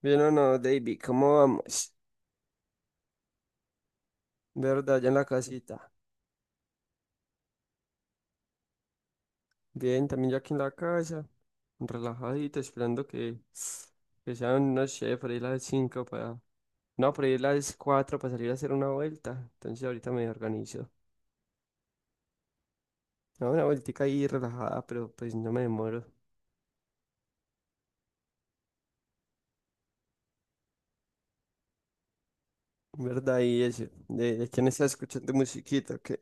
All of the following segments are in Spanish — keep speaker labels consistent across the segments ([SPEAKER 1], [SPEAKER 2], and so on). [SPEAKER 1] Bien o no, David, ¿cómo vamos? ¿Verdad? Ya en la casita. Bien, también ya aquí en la casa, relajadito, esperando que sean, no sé, por ahí las 5 para. No, por ahí las 4 para salir a hacer una vuelta. Entonces ahorita me organizo. No, una vueltica ahí relajada, pero pues no me demoro. ¿Verdad? Y eso, ¿de quién está escuchando musiquita? Que.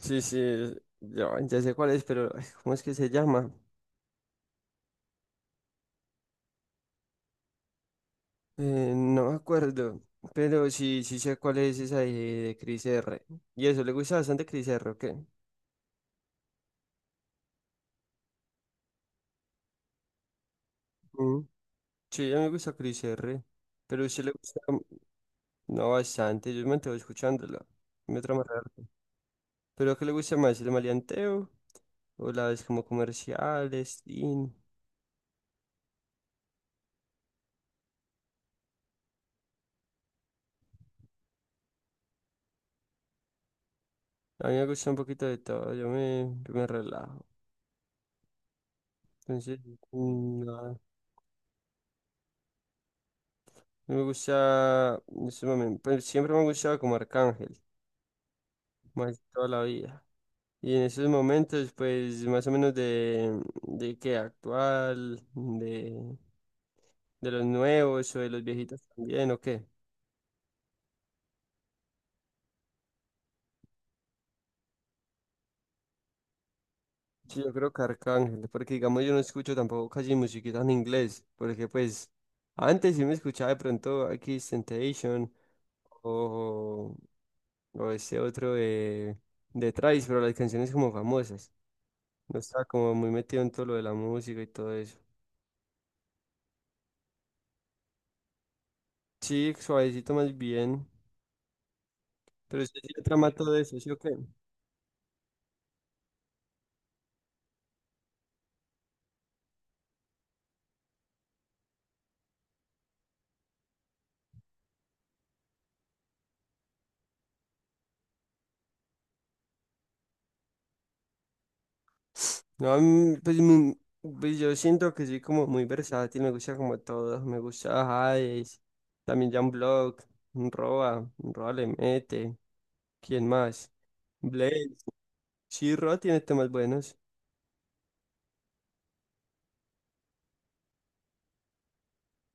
[SPEAKER 1] Sí, sí, ya, ya sé cuál es, pero ay, ¿cómo es que se llama? No me acuerdo, pero sí, sí sé cuál es esa de Chris R. Y eso, ¿le gusta bastante Chris R o qué? Mm. Sí, a mí me gusta Chris R. Pero a usted le gusta, no bastante, yo me mantengo escuchándola. Me trama raro. ¿Pero qué le gusta más, el maleanteo o las como comerciales? Teen? A mí me gusta un poquito de todo, yo me relajo. Entonces, nada. Me gusta, en ese momento, pues siempre me ha gustado como Arcángel, más toda la vida. Y en esos momentos, pues más o menos de qué actual, de los nuevos o de los viejitos también, ¿o qué? Sí, yo creo que Arcángel, porque digamos yo no escucho tampoco casi musiquita en inglés, porque pues antes sí me escuchaba de pronto X Temptation o, o ese otro de Thrice, pero las canciones como famosas, no estaba como muy metido en todo lo de la música y todo eso. Sí, suavecito más bien, pero usted sí le trama todo eso, ¿sí o qué? No, a mí, pues, pues yo siento que soy como muy versátil, me gusta como todo, me gusta Hades, también Jan Block, Roa, Roa le mete, ¿quién más? Blaze, sí, Roa tiene temas buenos,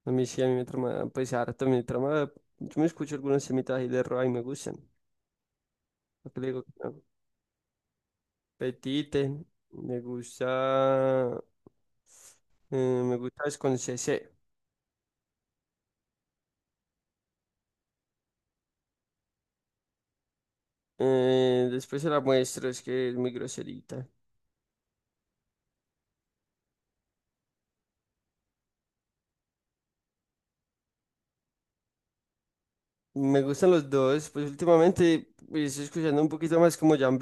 [SPEAKER 1] a mí sí, a mí me trama, pues harto, me trama, yo me escucho algunos temitas ahí de Roa y me gustan, lo que le digo, que no. Petite, me gusta, me gusta es con C C, después se la muestro, es que es muy groserita. Me gustan los dos, pues últimamente pues, estoy escuchando un poquito más como Jan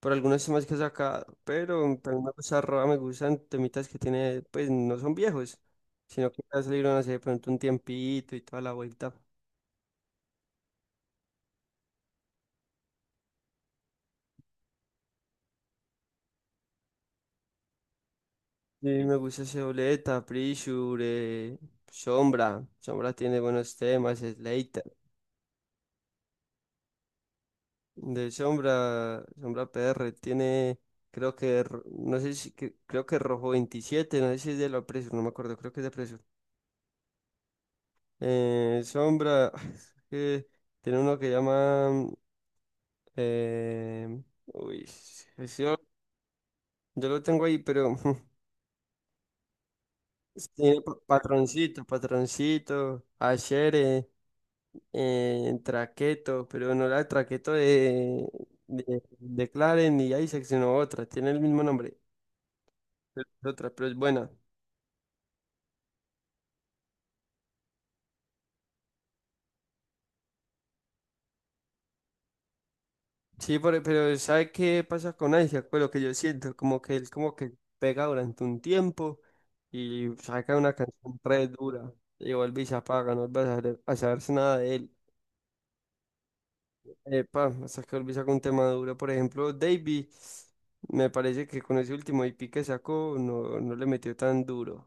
[SPEAKER 1] por algunos temas que ha sacado, pero también me gusta Roa, me gustan temitas que tiene, pues no son viejos, sino que ya salieron hace de pronto un tiempito y toda la vuelta. Sí me gusta Seoleta, Pressure, Sombra, Sombra tiene buenos temas, Slater. De Sombra, Sombra PR tiene, creo que, no sé si, creo que Rojo 27, no sé si es de la Pressure, no me acuerdo, creo que es de. Sombra, es que tiene uno que llama. Uy, ese yo lo tengo ahí, pero tiene patroncito, patroncito, achere, traqueto, pero no la traqueto de, de Claren ni Isaac, sino otra, tiene el mismo nombre, pero es otra, pero es buena. Sí, pero ¿sabe qué pasa con Isaac? Pues lo que yo siento, como que él como que pega durante un tiempo y saca una canción re dura y vuelve y se apaga, no vuelve a a saberse nada de él. Epa, hasta que volví a sacar un tema duro. Por ejemplo, Davey, me parece que con ese último IP que sacó no, no le metió tan duro.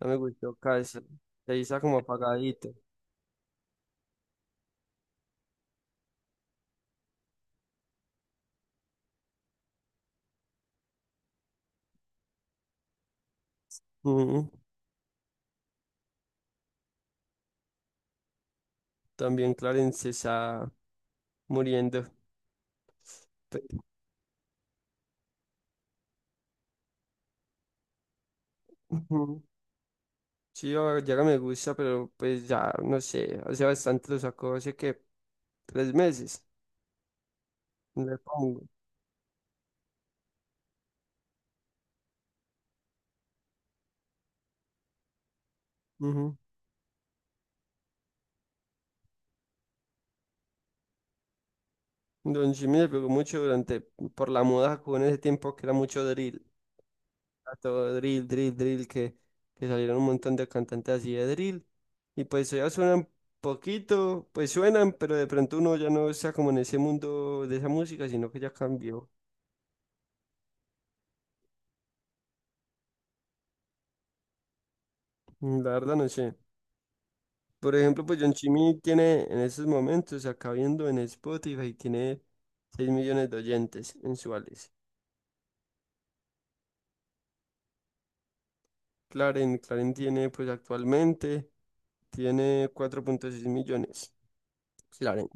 [SPEAKER 1] No me gustó casi. Ahí está como apagadito. Ujú. También Clarence está muriendo. Ujú. Sí, ahora me gusta, pero pues ya, no sé, hace bastante lo sacó, hace que 3 meses, no le pongo. Ujú. Don Jimmy le pegó mucho durante, por la moda con ese tiempo que era mucho drill, a todo drill, drill, drill, que salieron un montón de cantantes así de drill, y pues ya suenan poquito, pues suenan, pero de pronto uno ya no está como en ese mundo de esa música, sino que ya cambió. La verdad no sé. Por ejemplo, pues John Chimmy tiene en estos momentos, acá viendo en Spotify, tiene 6 millones de oyentes mensuales. Claren, Claren tiene pues actualmente, tiene 4,6 millones. Claren.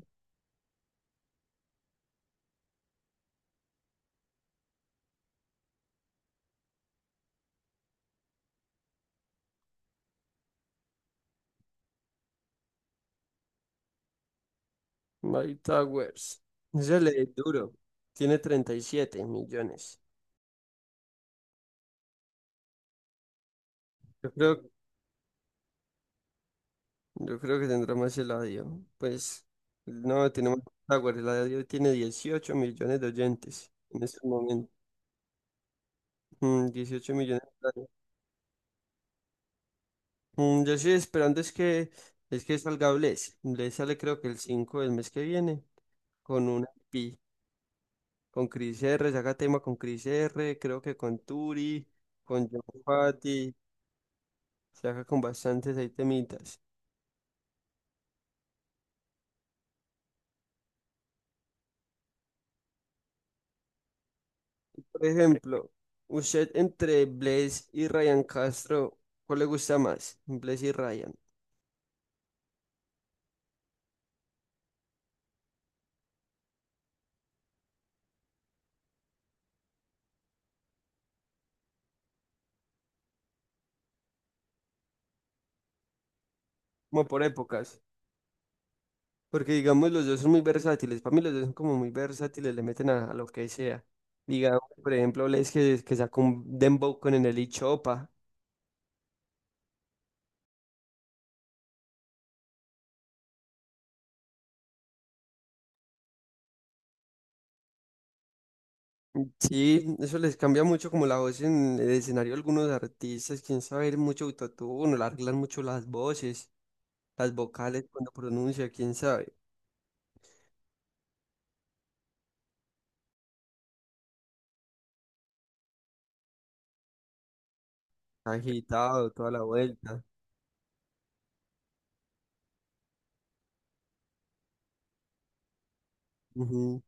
[SPEAKER 1] My Towers. Ese le di duro. Tiene 37 millones. Yo creo, yo creo que tendrá más eladio. Pues no, tiene más Towers. Eladio tiene 18 millones de oyentes en este momento. 18 millones. Yo estoy esperando es que salga Bless. Bless sale creo que el 5 del mes que viene con un IP, con Chris R, saca tema con Chris R, creo que con Turi, con John Fati, saca con bastantes ahí temitas. Por ejemplo, usted entre Bless y Ryan Castro, ¿cuál le gusta más? Bless y Ryan, como por épocas. Porque digamos, los dos son muy versátiles. Para mí los dos son como muy versátiles, le meten a lo que sea. Digamos, por ejemplo, Les que sacó un dembow con el Chopa. Sí, eso les cambia mucho como la voz en el escenario a algunos artistas. Quién sabe, mucho autotune, le arreglan mucho las voces, las vocales cuando pronuncia, quién sabe. Agitado, toda la vuelta. Ujú.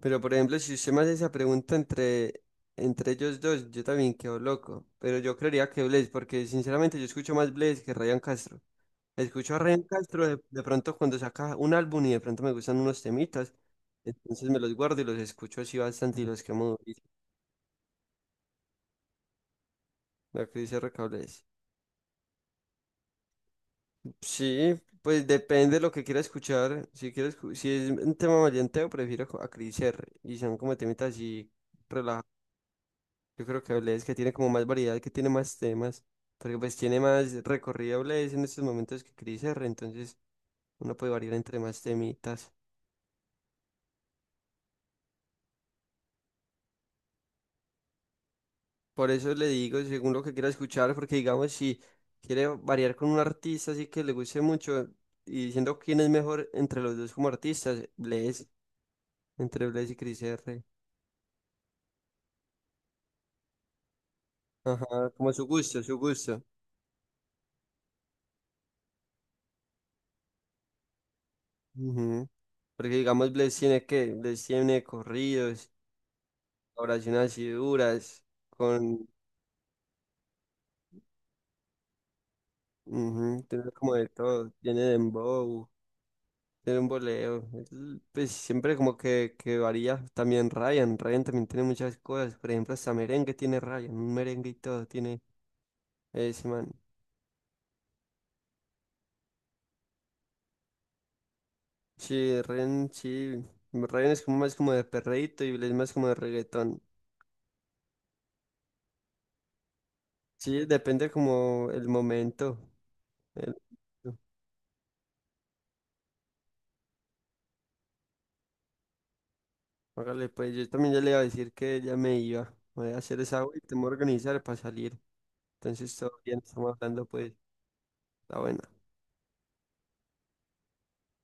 [SPEAKER 1] Pero por ejemplo, si usted me hace esa pregunta entre ellos dos, yo también quedo loco. Pero yo creería que Blaze, porque sinceramente yo escucho más Blaze que Ryan Castro. Escucho a Ryan Castro de pronto cuando saca un álbum y de pronto me gustan unos temitas. Entonces me los guardo y los escucho así bastante y los quemo durísimo. Lo que dice RK Blaze. Sí, pues depende de lo que quiera escuchar. Si quieres, si es un tema maleanteo, prefiero a Chris R. Y son como temitas así. Yo creo que Blaze, que tiene como más variedad, que tiene más temas, porque pues tiene más recorrido Blaze en estos momentos que Chris R, entonces uno puede variar entre más temitas. Por eso le digo, según lo que quiera escuchar, porque digamos, si quiere variar con un artista así que le guste mucho, y diciendo quién es mejor entre los dos como artistas, Blaze, entre Blaze y Chris R. Ajá, como su gusto, su gusto. Ujú. Porque digamos, Blaze tiene que, Blaze tiene corridos, oraciones así duras con, Ujú, tiene como de todo, tiene dembow, tiene un boleo, pues siempre como que varía, también Ryan, Ryan también tiene muchas cosas, por ejemplo hasta merengue tiene Ryan, un merengue y todo tiene ese man, sí, Ryan es como más como de perreíto y Blade es más como de reggaetón, sí, depende como el momento, el- hágale pues, yo también ya le iba a decir que ya me iba, voy a hacer esa agua y te voy a organizar para salir, entonces todo bien, estamos hablando pues, está bueno.